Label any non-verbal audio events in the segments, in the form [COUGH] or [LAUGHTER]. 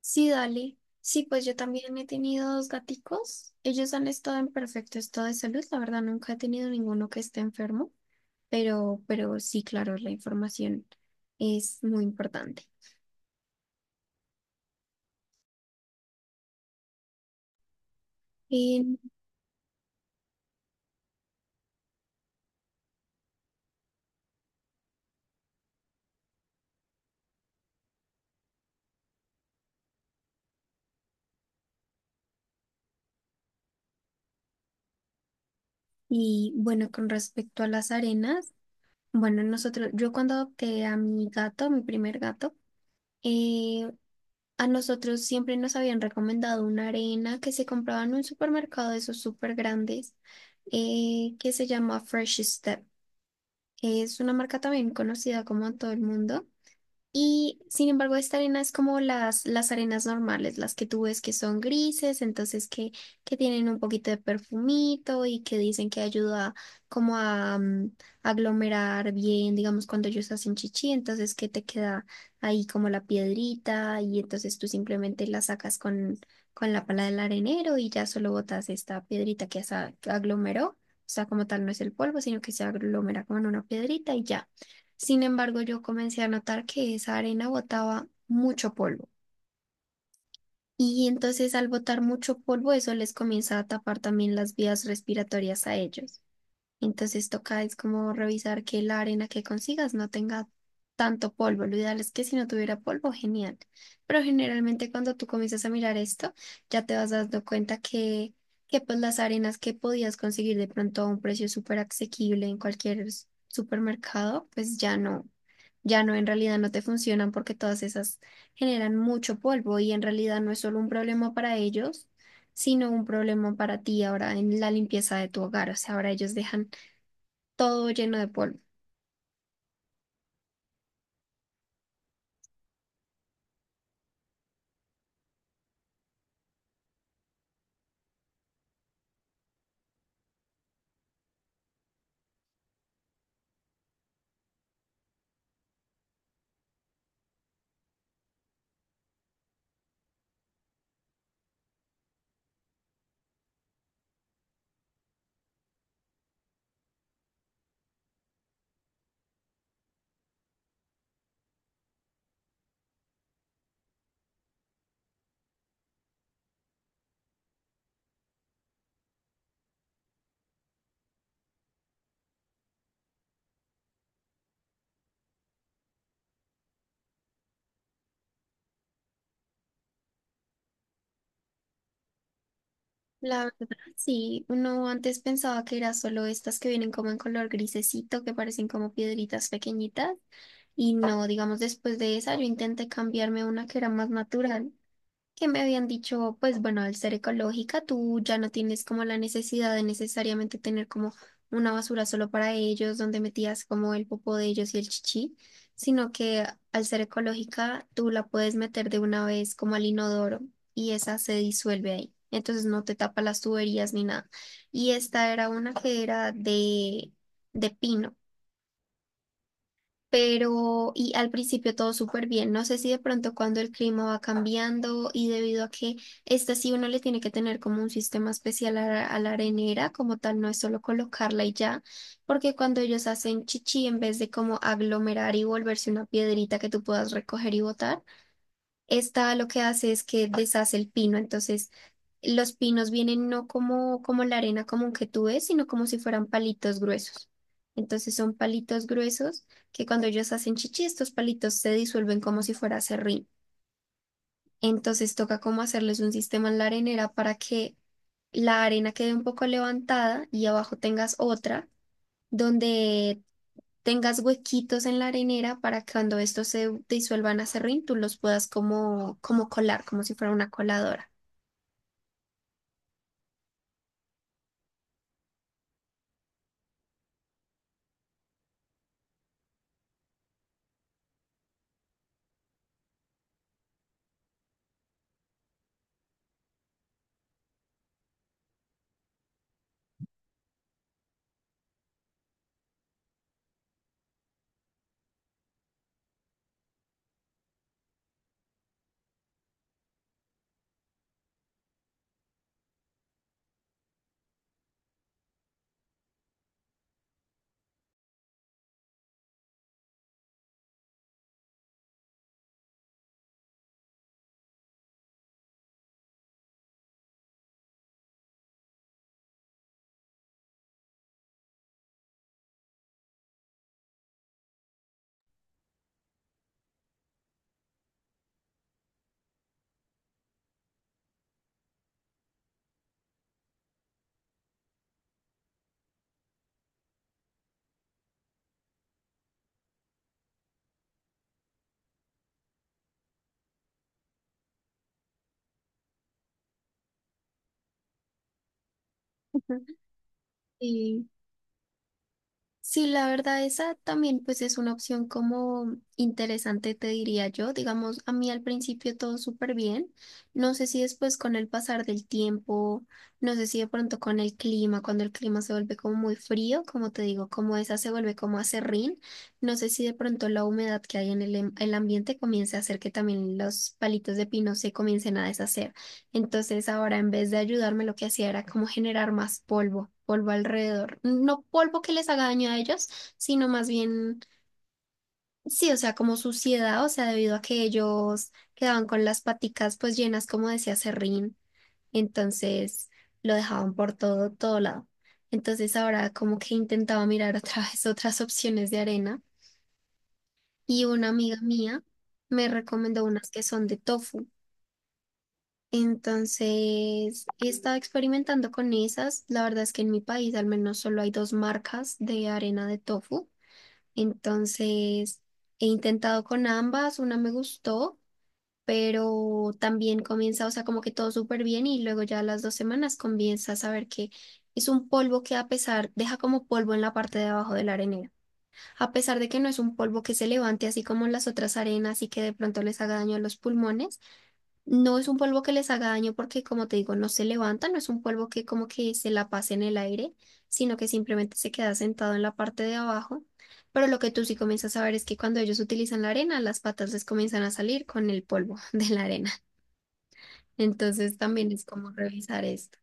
Sí, dale. Sí, pues yo también he tenido dos gaticos. Ellos han estado en perfecto estado de salud. La verdad, nunca he tenido ninguno que esté enfermo, pero sí, claro, la información es muy importante. Em, y bueno, con respecto a las arenas, bueno, nosotros, yo cuando adopté a mi gato, mi primer gato, eh, a nosotros siempre nos habían recomendado una arena que se compraba en un supermercado de esos súper grandes, que se llama Fresh Step. Es una marca también conocida como en todo el mundo. Y sin embargo, esta arena es como las arenas normales, las que tú ves que son grises, entonces que tienen un poquito de perfumito y que dicen que ayuda como a aglomerar bien, digamos, cuando ellos hacen chichi, entonces que te queda ahí como la piedrita y entonces tú simplemente la sacas con la pala del arenero y ya solo botas esta piedrita que se aglomeró. O sea, como tal no es el polvo, sino que se aglomera como en una piedrita y ya. Sin embargo, yo comencé a notar que esa arena botaba mucho polvo. Y entonces al botar mucho polvo, eso les comienza a tapar también las vías respiratorias a ellos. Entonces toca es como revisar que la arena que consigas no tenga tanto polvo. Lo ideal es que si no tuviera polvo, genial. Pero generalmente cuando tú comienzas a mirar esto, ya te vas dando cuenta que pues las arenas que podías conseguir de pronto a un precio súper asequible en cualquier s- supermercado, pues ya no, ya no, en realidad no te funcionan porque todas esas generan mucho polvo y en realidad no es solo un problema para ellos sino un problema para ti ahora en la limpieza de tu hogar. O sea, ahora ellos dejan todo lleno de polvo. La verdad, sí, uno antes pensaba que era solo estas que vienen como en color grisecito, que parecen como piedritas pequeñitas. Y no, digamos, después de esa yo intenté cambiarme a una que era más natural. Que me habían dicho, pues bueno, al ser ecológica, tú ya no tienes como la necesidad de necesariamente tener como una basura solo para ellos, donde metías como el popo de ellos y el chichi, sino que al ser ecológica, tú la puedes meter de una vez como al inodoro y esa se disuelve ahí. Entonces no te tapa las tuberías ni nada. Y esta era una que era de pino pero y al principio todo súper bien. No sé si de pronto cuando el clima va cambiando y debido a que esta sí uno le tiene que tener como un sistema especial a la arenera, como tal, no es solo colocarla y ya, porque cuando ellos hacen chichi, en vez de como aglomerar y volverse una piedrita que tú puedas recoger y botar, esta lo que hace es que deshace el pino, entonces los pinos vienen no como, como la arena común que tú ves, sino como si fueran palitos gruesos. Entonces son palitos gruesos que cuando ellos hacen chichi, estos palitos se disuelven como si fuera serrín. Entonces toca como hacerles un sistema en la arenera para que la arena quede un poco levantada y abajo tengas otra donde tengas huequitos en la arenera para que cuando estos se disuelvan a serrín, tú los puedas como, como colar, como si fuera una coladora. [LAUGHS] Y sí, la verdad, esa también pues es una opción como interesante, te diría yo. Digamos, a mí al principio todo súper bien. No sé si después con el pasar del tiempo, no sé si de pronto con el clima, cuando el clima se vuelve como muy frío, como te digo, como esa se vuelve como acerrín. No sé si de pronto la humedad que hay en el, el ambiente comience a hacer que también los palitos de pino se comiencen a deshacer. Entonces ahora en vez de ayudarme lo que hacía era como generar más polvo, polvo alrededor. No polvo que les haga daño a ellos, sino más bien, sí, o sea, como suciedad, o sea, debido a que ellos quedaban con las paticas pues llenas como decía serrín, entonces lo dejaban por todo, todo lado. Entonces ahora como que intentaba mirar [LAUGHS] otra vez otras opciones de arena y una amiga mía me recomendó unas que son de tofu. Entonces, he estado experimentando con esas. La verdad es que en mi país al menos solo hay dos marcas de arena de tofu. Entonces, he intentado con ambas, una me gustó, pero también comienza, o sea, como que todo súper bien y luego ya a las dos semanas comienza a saber que es un polvo que a pesar, deja como polvo en la parte de abajo de la arenera. A pesar de que no es un polvo que se levante así como las otras arenas y que de pronto les haga daño a los pulmones. No es un polvo que les haga daño porque, como te digo, no se levanta, no es un polvo que como que se la pase en el aire, sino que simplemente se queda sentado en la parte de abajo. Pero lo que tú sí comienzas a ver es que cuando ellos utilizan la arena, las patas les comienzan a salir con el polvo [LAUGHS] de la arena. Entonces también es como revisar esto.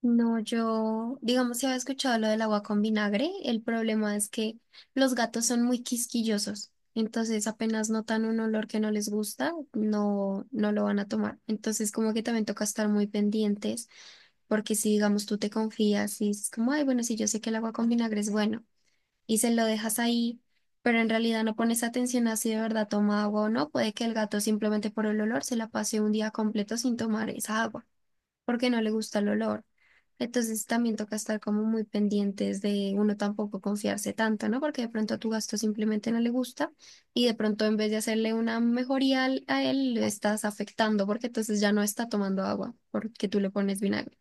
No, yo, digamos, si había escuchado lo del agua con vinagre, el problema es que los gatos son muy quisquillosos, entonces apenas notan un olor que no les gusta, no, no lo van a tomar. Entonces como que también toca estar muy pendientes, porque si digamos tú te confías y es como, ay, bueno, si yo sé que el agua con vinagre es bueno y se lo dejas ahí, pero en realidad no pones atención a si de verdad toma agua o no, puede que el gato simplemente por el olor se la pase un día completo sin tomar esa agua porque no le gusta el olor. Entonces también toca estar como muy pendientes de uno tampoco confiarse tanto, ¿no? Porque de pronto a tu gasto simplemente no le gusta y de pronto en vez de hacerle una mejoría al- a él, le estás afectando porque entonces ya no está tomando agua porque tú le pones vinagre.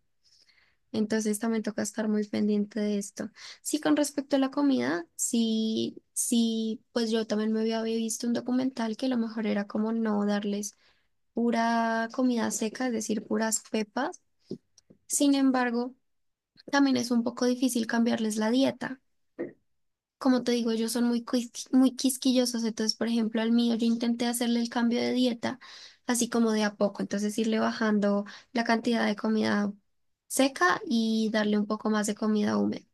Entonces también toca estar muy pendiente de esto. Sí, con respecto a la comida, sí, sí, pues yo también me había visto un documental que lo mejor era como no darles pura comida seca, es decir, puras pepas sin embargo, también es un poco difícil cambiarles la dieta. Como te digo, ellos son muy, muy quisquillosos, entonces, por ejemplo, al mío yo intenté hacerle el cambio de dieta, así como de a poco, entonces irle bajando la cantidad de comida seca y darle un poco más de comida húmeda.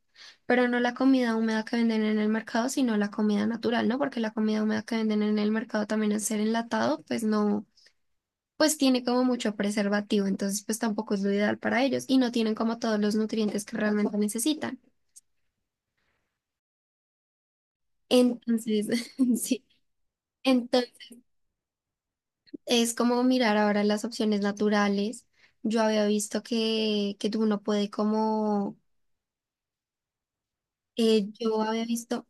Pero no la comida húmeda que venden en el mercado, sino la comida natural, ¿no? Porque la comida húmeda que venden en el mercado también al ser enlatado, pues no pues tiene como mucho preservativo, entonces pues tampoco es lo ideal para ellos y no tienen como todos los nutrientes que realmente necesitan. Entonces, [LAUGHS] sí, entonces es como mirar ahora las opciones naturales. Yo había visto que uno puede como, yo había visto,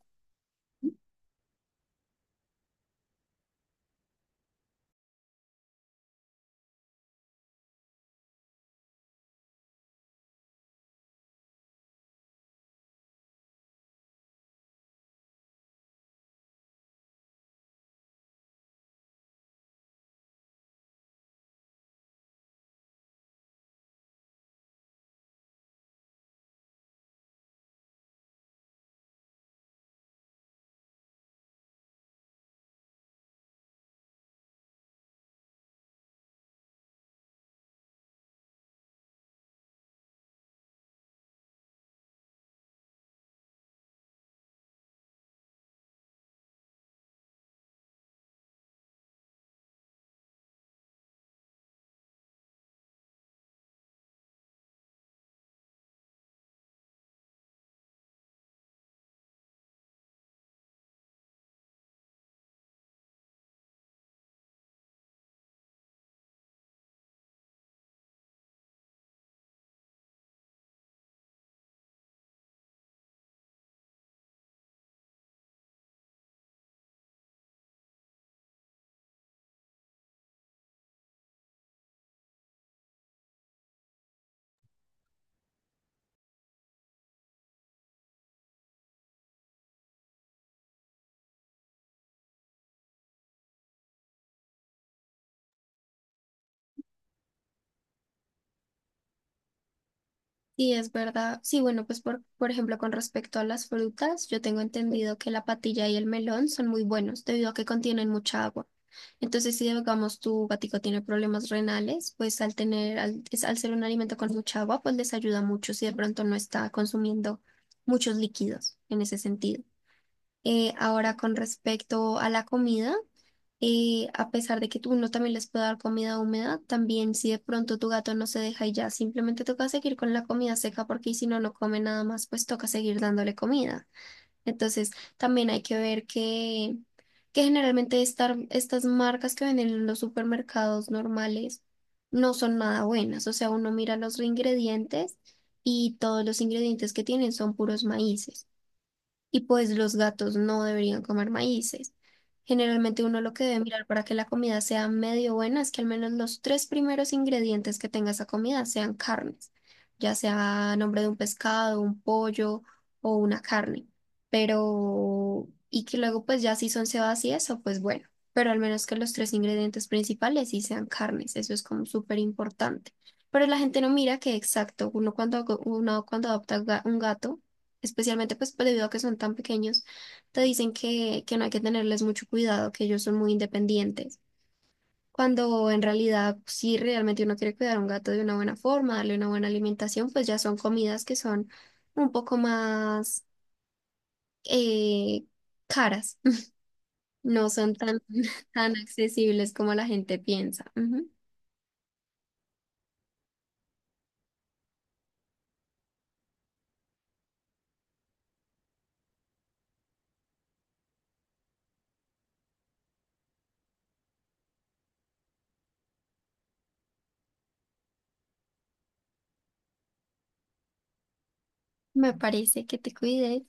sí, es verdad. Sí, bueno, pues por ejemplo, con respecto a las frutas, yo tengo entendido que la patilla y el melón son muy buenos debido a que contienen mucha agua. Entonces, si digamos tu gatico tiene problemas renales, pues al tener, al, al ser un alimento con mucha agua, pues les ayuda mucho si de pronto no está consumiendo muchos líquidos en ese sentido. Ahora, con respecto a la comida, a pesar de que tú uno también les puede dar comida húmeda, también si de pronto tu gato no se deja y ya simplemente toca seguir con la comida seca porque si no, no come nada más, pues toca seguir dándole comida. Entonces, también hay que ver que generalmente estar, estas marcas que venden en los supermercados normales no son nada buenas. O sea, uno mira los ingredientes y todos los ingredientes que tienen son puros maíces y pues los gatos no deberían comer maíces. Generalmente uno lo que debe mirar para que la comida sea medio buena es que al menos los tres primeros ingredientes que tenga esa comida sean carnes, ya sea a nombre de un pescado, un pollo o una carne. Pero, y que luego pues ya si son cebadas y eso, pues bueno, pero al menos que los tres ingredientes principales sí sean carnes, eso es como súper importante. Pero la gente no mira que exacto, uno cuando adopta un gato, especialmente pues debido a que son tan pequeños, te dicen que no hay que tenerles mucho cuidado, que ellos son muy independientes. Cuando en realidad, si realmente uno quiere cuidar a un gato de una buena forma, darle una buena alimentación, pues ya son comidas que son un poco más eh, caras, [LAUGHS] no son tan, [LAUGHS] tan accesibles como la gente piensa. Ujú. Me parece que te cuides.